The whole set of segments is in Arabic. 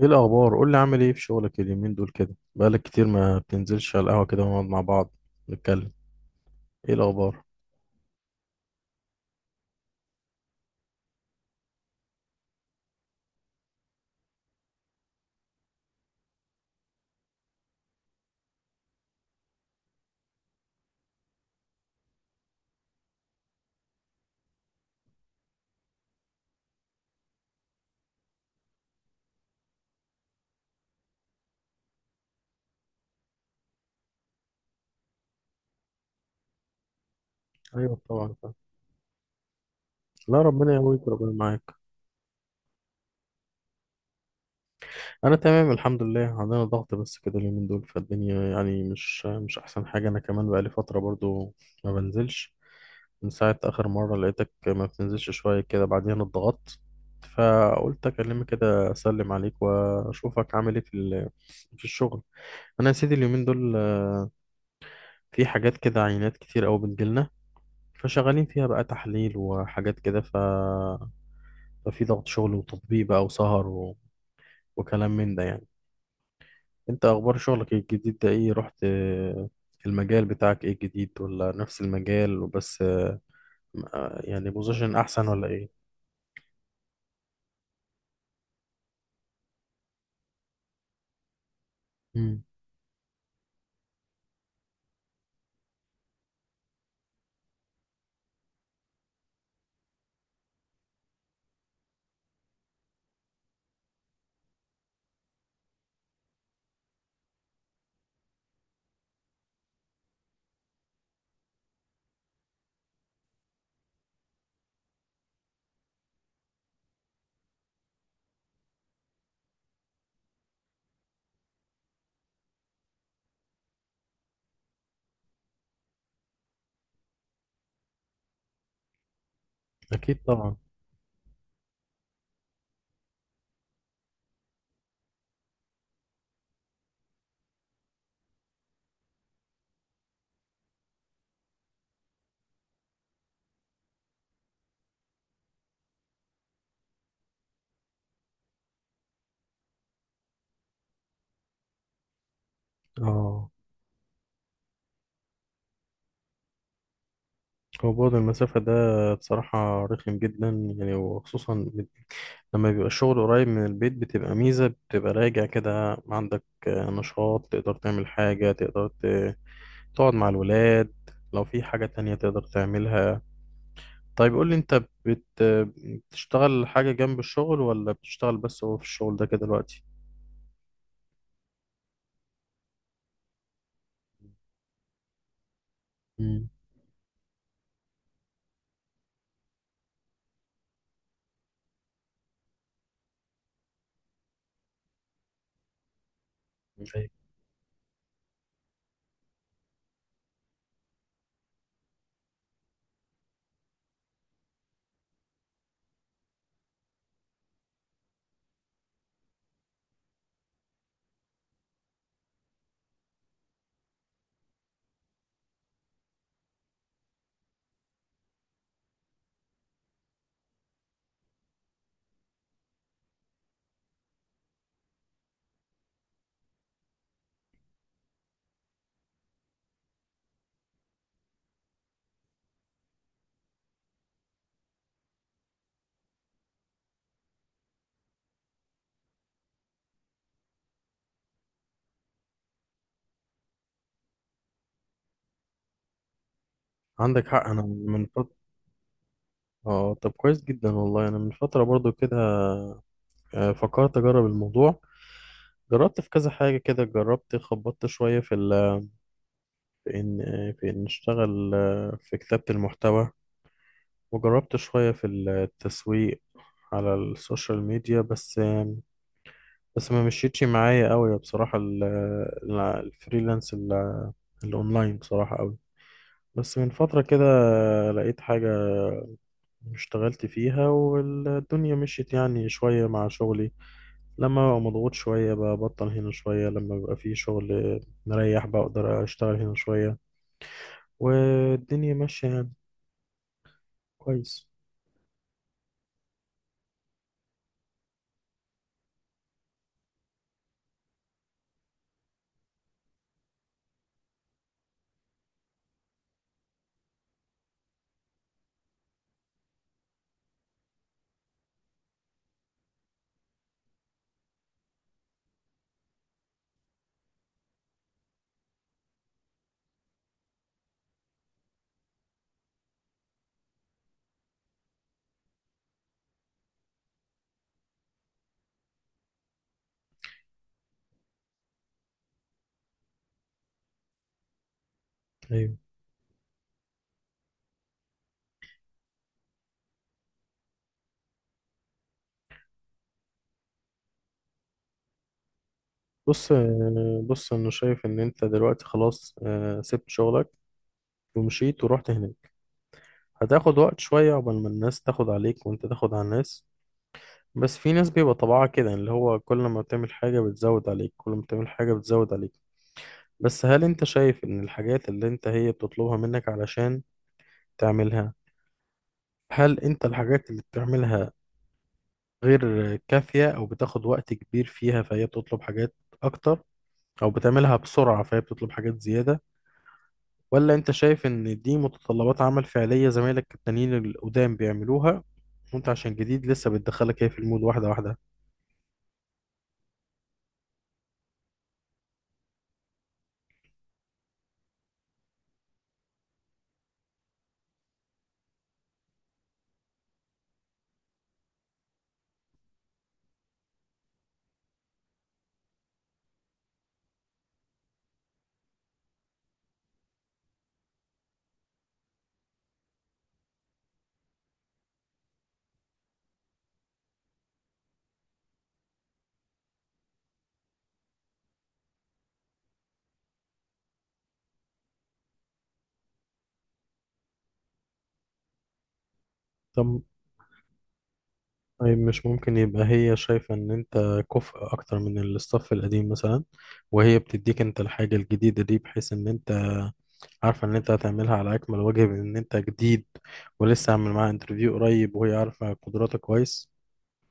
ايه الاخبار؟ قول لي، عامل ايه في شغلك اليومين دول؟ كده بقالك كتير ما بتنزلش على القهوه كده ونقعد مع بعض نتكلم. ايه الاخبار؟ ايوه طبعا فاهم. لا، ربنا يقويك، ربنا معاك. انا تمام الحمد لله، عندنا ضغط بس كده اليومين دول فالدنيا، يعني مش احسن حاجه. انا كمان بقالي فتره برضو ما بنزلش، من ساعه اخر مره لقيتك ما بتنزلش شويه كده، بعدين اتضغطت، فقلت اكلمك كده اسلم عليك واشوفك عامل ايه في في الشغل. انا يا سيدي اليومين دول في حاجات كده، عينات كتير قوي بتجيلنا، فشغالين فيها بقى تحليل وحاجات كده. ففي ضغط شغل وتطبيق بقى وسهر، وكلام من ده يعني. انت اخبار شغلك إيه؟ الجديد ده ايه؟ رحت، المجال بتاعك ايه الجديد ولا نفس المجال وبس؟ يعني بوزيشن احسن ولا ايه؟ مم. اكيد طبعا. اه، هو بعد المسافة ده بصراحة رخم جدا، يعني وخصوصا لما بيبقى الشغل قريب من البيت بتبقى ميزة، بتبقى راجع كده عندك نشاط، تقدر تعمل حاجة، تقدر تقعد مع الولاد، لو في حاجة تانية تقدر تعملها. طيب قول لي، انت بتشتغل حاجة جنب الشغل، ولا بتشتغل بس هو في الشغل ده كده دلوقتي؟ مم. أيوة. عندك حق. انا من فترة، اه، طب كويس جدا والله. انا من فترة برضو كده فكرت اجرب الموضوع، جربت في كذا حاجة كده، جربت خبطت شوية في في إن في إن نشتغل في كتابة المحتوى، وجربت شوية في التسويق على السوشيال ميديا. بس ما مشيتش معايا قوي بصراحة الفريلانس الأونلاين بصراحة قوي. بس من فترة كده لقيت حاجة اشتغلت فيها والدنيا مشيت يعني شوية مع شغلي، لما ببقى مضغوط شوية ببطل هنا شوية، لما بيبقى في شغل مريح بقدر أشتغل هنا شوية، والدنيا ماشية يعني كويس. ايوه. بص انا شايف ان انت دلوقتي خلاص سبت شغلك ومشيت ورحت هناك. هتاخد وقت شوية عقبال ما الناس تاخد عليك وانت تاخد على الناس، بس في ناس بيبقى طبعها كده، يعني اللي هو كل ما بتعمل حاجة بتزود عليك، كل ما بتعمل حاجة بتزود عليك. بس هل انت شايف ان الحاجات اللي انت هي بتطلبها منك علشان تعملها، هل انت الحاجات اللي بتعملها غير كافية او بتاخد وقت كبير فيها فهي بتطلب حاجات اكتر، او بتعملها بسرعة فهي بتطلب حاجات زيادة؟ ولا انت شايف ان دي متطلبات عمل فعلية، زمايلك التانيين القدام بيعملوها وانت عشان جديد لسه بتدخلك هي في المود واحدة واحدة؟ طب، طيب مش ممكن يبقى هي شايفة ان انت كفء اكتر من الاستاف القديم مثلا، وهي بتديك انت الحاجة الجديدة دي بحيث ان انت عارفة ان انت هتعملها على اكمل وجه، بان انت جديد ولسه عامل معاها انترفيو قريب وهي عارفة قدراتك كويس؟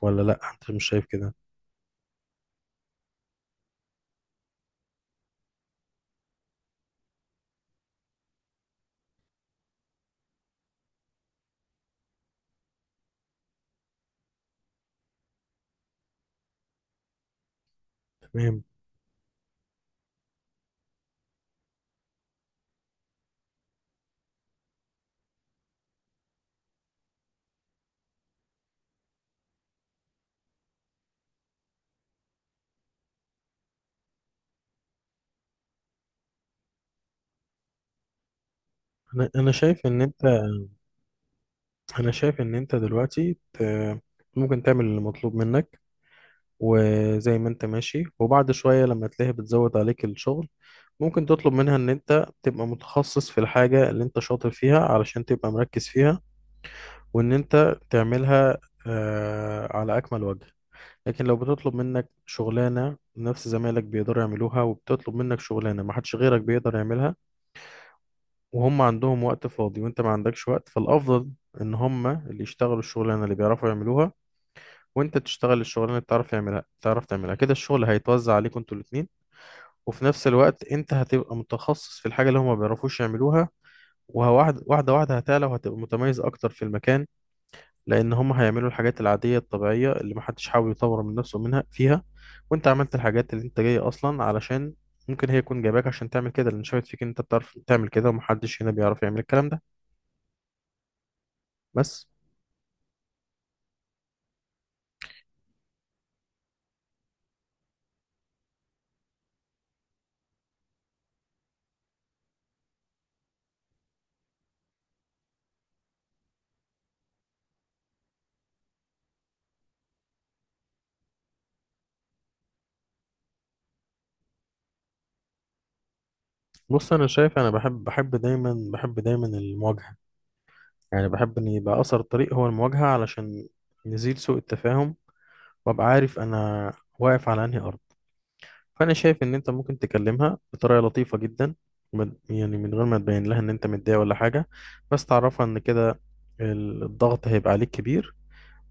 ولا لا، انت مش شايف كده؟ تمام. انا شايف ان انت، انا شايف ان انت دلوقتي ت- ممكن تعمل اللي مطلوب منك وزي ما انت ماشي، وبعد شوية لما تلاقيها بتزود عليك الشغل ممكن تطلب منها ان انت تبقى متخصص في الحاجة اللي انت شاطر فيها علشان تبقى مركز فيها، وان انت تعملها على اكمل وجه. لكن لو بتطلب منك شغلانة نفس زمايلك بيقدروا يعملوها، وبتطلب منك شغلانة ما حدش غيرك بيقدر يعملها، وهم عندهم وقت فاضي وانت ما عندكش وقت، فالافضل ان هم اللي يشتغلوا الشغلانة اللي بيعرفوا يعملوها، وانت تشتغل الشغلانه اللي بتعرف تعملها تعرف تعملها، كده الشغل هيتوزع عليكم انتوا الاثنين، وفي نفس الوقت انت هتبقى متخصص في الحاجه اللي هما ما بيعرفوش يعملوها، وواحده واحده واحده هتعلى وهتبقى متميز اكتر في المكان، لان هما هيعملوا الحاجات العاديه الطبيعيه اللي محدش حاول يطور من نفسه منها فيها، وانت عملت الحاجات اللي انت جاي اصلا علشان، ممكن هي يكون جايباك عشان تعمل كده، لان شافت فيك ان انت بتعرف تعمل كده ومحدش هنا بيعرف يعمل الكلام ده بس. بص انا شايف، انا بحب دايما المواجهه، يعني بحب ان يبقى اثر الطريق هو المواجهه علشان نزيل سوء التفاهم، وابقى عارف انا واقف على انهي ارض. فانا شايف ان انت ممكن تكلمها بطريقه لطيفه جدا، يعني من غير ما تبين لها ان انت متضايق ولا حاجه، بس تعرفها ان كده الضغط هيبقى عليك كبير،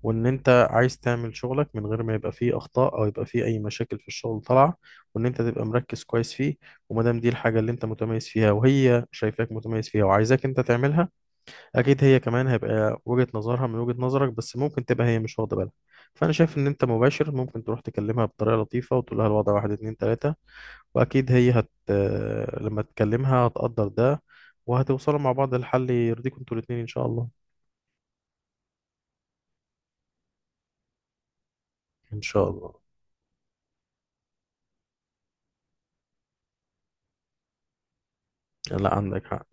وان انت عايز تعمل شغلك من غير ما يبقى فيه اخطاء او يبقى فيه اي مشاكل في الشغل طالعه، وان انت تبقى مركز كويس فيه. وما دام دي الحاجه اللي انت متميز فيها وهي شايفاك متميز فيها وعايزاك انت تعملها، اكيد هي كمان هيبقى وجهة نظرها من وجهة نظرك، بس ممكن تبقى هي مش واخده بالها. فانا شايف ان انت مباشر ممكن تروح تكلمها بطريقه لطيفه وتقول لها الوضع واحد اتنين تلاته، واكيد هي لما تكلمها هتقدر ده، وهتوصلوا مع بعض لحل يرضيكم انتوا الاتنين ان شاء الله. ان شاء الله. لا عندك حق.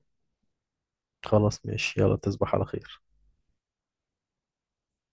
خلاص ماشي، يلا تصبح على خير.